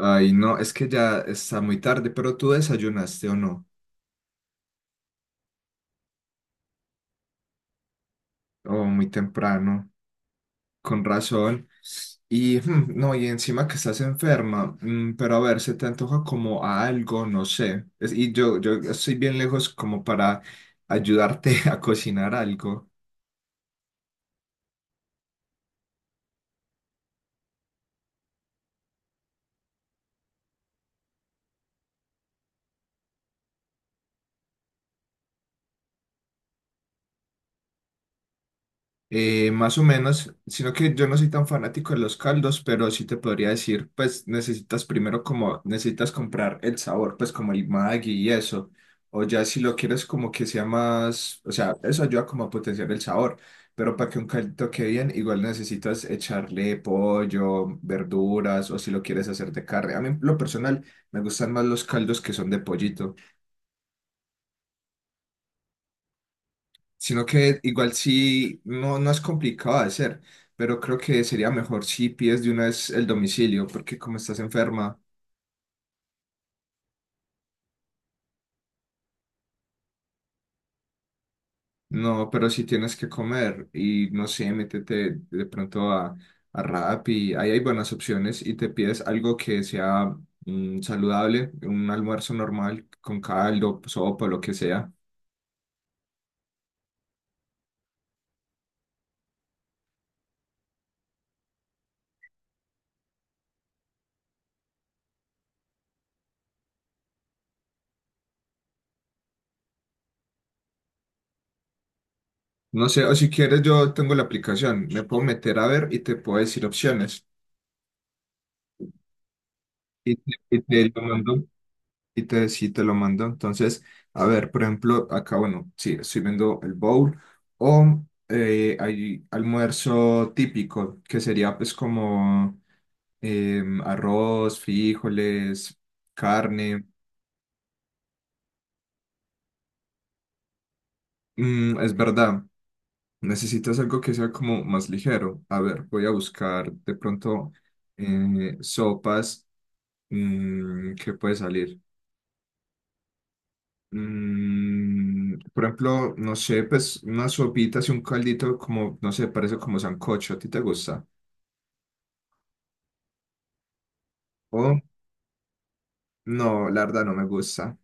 Ay, no, es que ya está muy tarde, pero tú desayunaste o no, o muy temprano, con razón. Y no, y encima que estás enferma, pero a ver, se te antoja como a algo, no sé. Yo estoy bien lejos como para ayudarte a cocinar algo. Más o menos, sino que yo no soy tan fanático de los caldos, pero sí te podría decir, pues necesitas primero como, necesitas comprar el sabor, pues como el Maggi y eso, o ya si lo quieres como que sea más, o sea, eso ayuda como a potenciar el sabor, pero para que un caldito quede bien, igual necesitas echarle pollo, verduras, o si lo quieres hacer de carne. A mí, en lo personal, me gustan más los caldos que son de pollito. Sino que igual sí, no, no es complicado de hacer, pero creo que sería mejor si pides de una vez el domicilio, porque como estás enferma, no, pero si tienes que comer y no sé, métete de pronto a Rappi, ahí hay buenas opciones y te pides algo que sea saludable, un almuerzo normal con caldo, sopa, lo que sea. No sé, o si quieres yo tengo la aplicación, me puedo meter a ver y te puedo decir opciones. Y te lo mando Y te, Sí te lo mando. Entonces, a ver, por ejemplo, acá, bueno, sí, estoy viendo el bowl o hay almuerzo típico, que sería pues como arroz, frijoles, carne. Es verdad, necesitas algo que sea como más ligero. A ver, voy a buscar de pronto sopas. ¿Qué puede salir? Por ejemplo, no sé, pues unas sopitas y un caldito como, no sé, parece como sancocho, ¿a ti te gusta? O, no, la verdad no me gusta.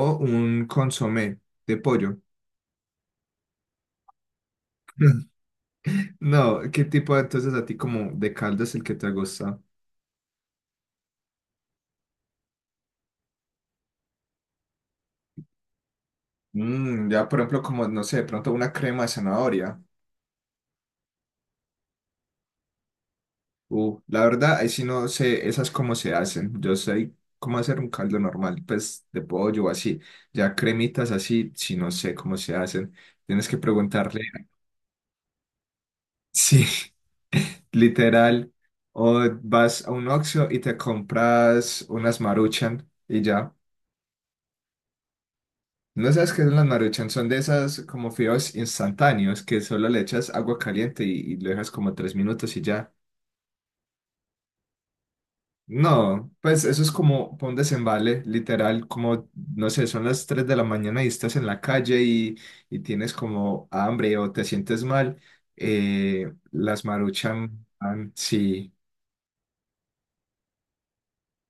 O un consomé de pollo. No, ¿qué tipo entonces a ti como de caldo es el que te gusta? Ya, por ejemplo, como, no sé, de pronto una crema de zanahoria. La verdad, ahí sí no sé, esas cómo se hacen. Yo sé cómo hacer un caldo normal, pues de pollo o así. Ya cremitas así, sí no sé cómo se hacen. Tienes que preguntarle, sí, literal. O vas a un Oxxo y te compras unas Maruchan y ya. ¿No sabes qué son las Maruchan? Son de esas como fideos instantáneos que solo le echas agua caliente y lo dejas como 3 minutos y ya. No, pues eso es como pa' un desembale, literal, como, no sé, son las 3 de la mañana y estás en la calle y tienes como hambre o te sientes mal, las maruchan, van, sí,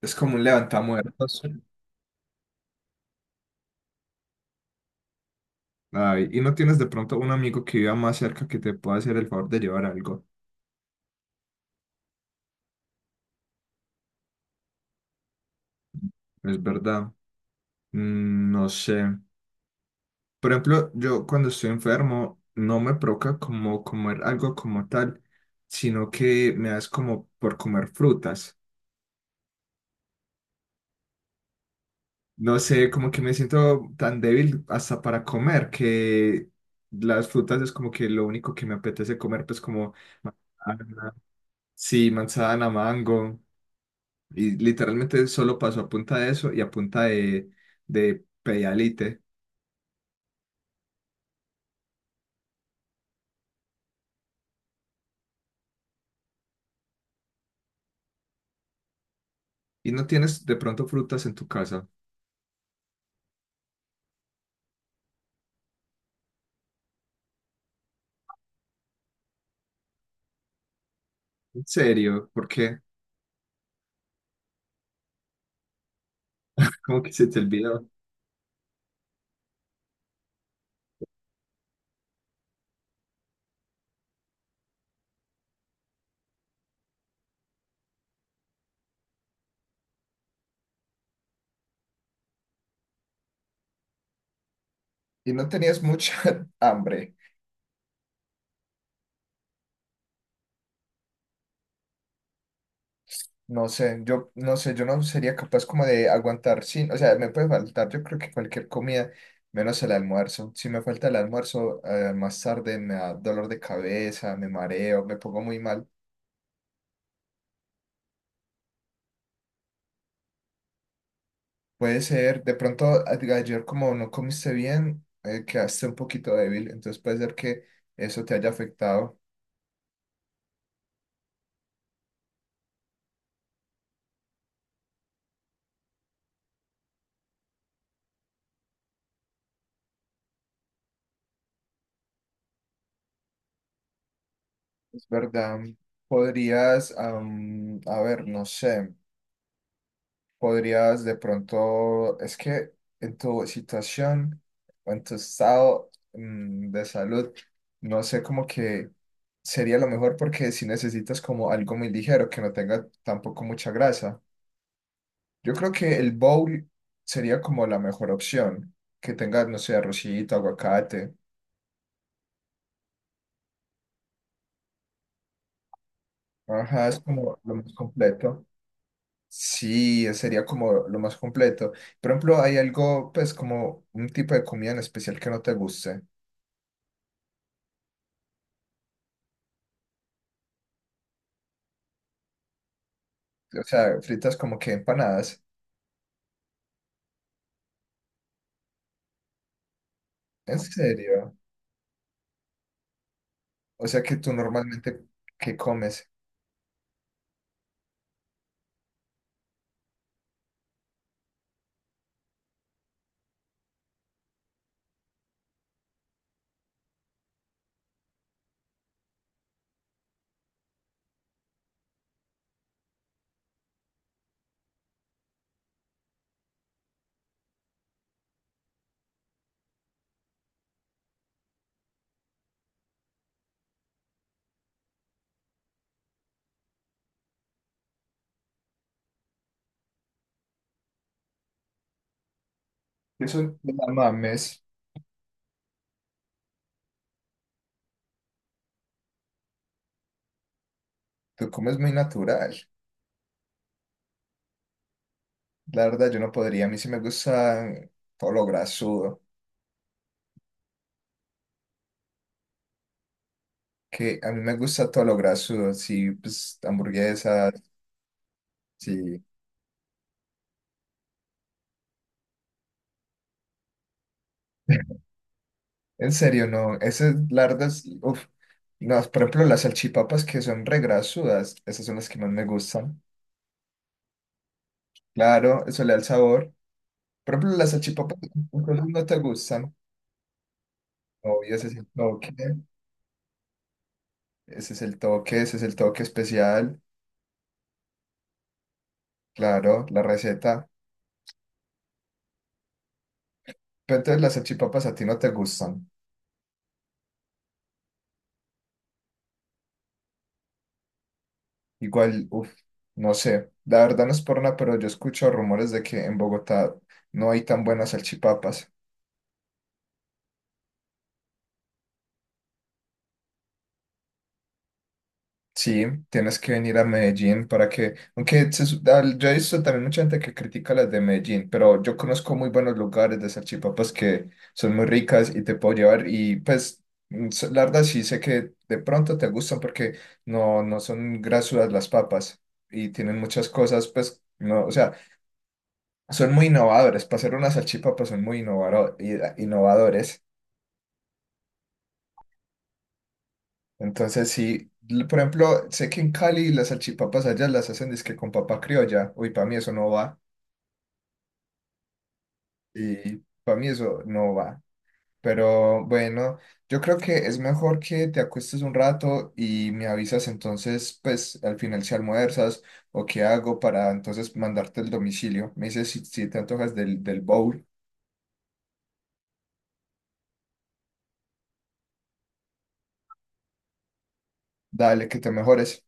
es como un levantamuertos. Ay, y no tienes de pronto un amigo que viva más cerca que te pueda hacer el favor de llevar algo, es verdad, no sé. Por ejemplo, yo cuando estoy enfermo no me provoca como comer algo como tal, sino que me das como por comer frutas. No sé, como que me siento tan débil hasta para comer que las frutas es como que lo único que me apetece comer, pues como, ah, sí, manzana, mango, y literalmente solo paso a punta de eso y a punta de Pedialyte. Y no tienes de pronto frutas en tu casa. En serio, ¿por qué? Como que se te olvidó. Y no tenías mucha hambre. No sé, yo no sé, yo no sería capaz como de aguantar sin, o sea, me puede faltar, yo creo que cualquier comida, menos el almuerzo. Si me falta el almuerzo, más tarde me da dolor de cabeza, me mareo, me pongo muy mal. Puede ser, de pronto ayer como no comiste bien, quedaste un poquito débil, entonces puede ser que eso te haya afectado. Es verdad. Podrías, a ver, no sé. Podrías de pronto, es que en tu situación o en tu estado de salud, no sé como que sería lo mejor porque si necesitas como algo muy ligero que no tenga tampoco mucha grasa. Yo creo que el bowl sería como la mejor opción, que tenga, no sé, arrocito, aguacate. Ajá, es como lo más completo. Sí, sería como lo más completo. Por ejemplo, ¿hay algo, pues, como un tipo de comida en especial que no te guste? O sea, fritas como que empanadas. ¿En serio? O sea que tú normalmente, ¿qué comes? Eso no la mames. Tú comes muy natural. La verdad, yo no podría. A mí sí me gusta todo lo grasudo. Que a mí me gusta todo lo grasudo. Sí, pues hamburguesas. Sí. En serio, no. Esas largas, uf. No, por ejemplo, las salchipapas que son regrasudas, esas son las que más me gustan. Claro, eso le da el sabor. Por ejemplo, las salchipapas incluso no te gustan. Obvio, ese es el toque, ese es el toque, ese es el toque especial, claro, la receta. Pero entonces las salchipapas a ti no te gustan. Igual, uff, no sé, la verdad no es por nada, pero yo escucho rumores de que en Bogotá no hay tan buenas salchipapas. Sí, tienes que venir a Medellín para que, aunque yo he visto también mucha gente que critica las de Medellín, pero yo conozco muy buenos lugares de salchipapas que son muy ricas y te puedo llevar y pues la verdad sí sé que de pronto te gustan porque no, no son grasudas las papas y tienen muchas cosas, pues no, o sea, son muy innovadores, para hacer unas salchipapas son muy innovadores. Entonces, sí, por ejemplo, sé que en Cali las salchipapas allá las hacen dizque con papa criolla. Uy, para mí eso no va. Y para mí eso no va. Pero bueno, yo creo que es mejor que te acuestes un rato y me avisas entonces, pues al final si almuerzas o qué hago para entonces mandarte el domicilio. Me dices si, si te antojas del, del bowl. Dale, que te mejores.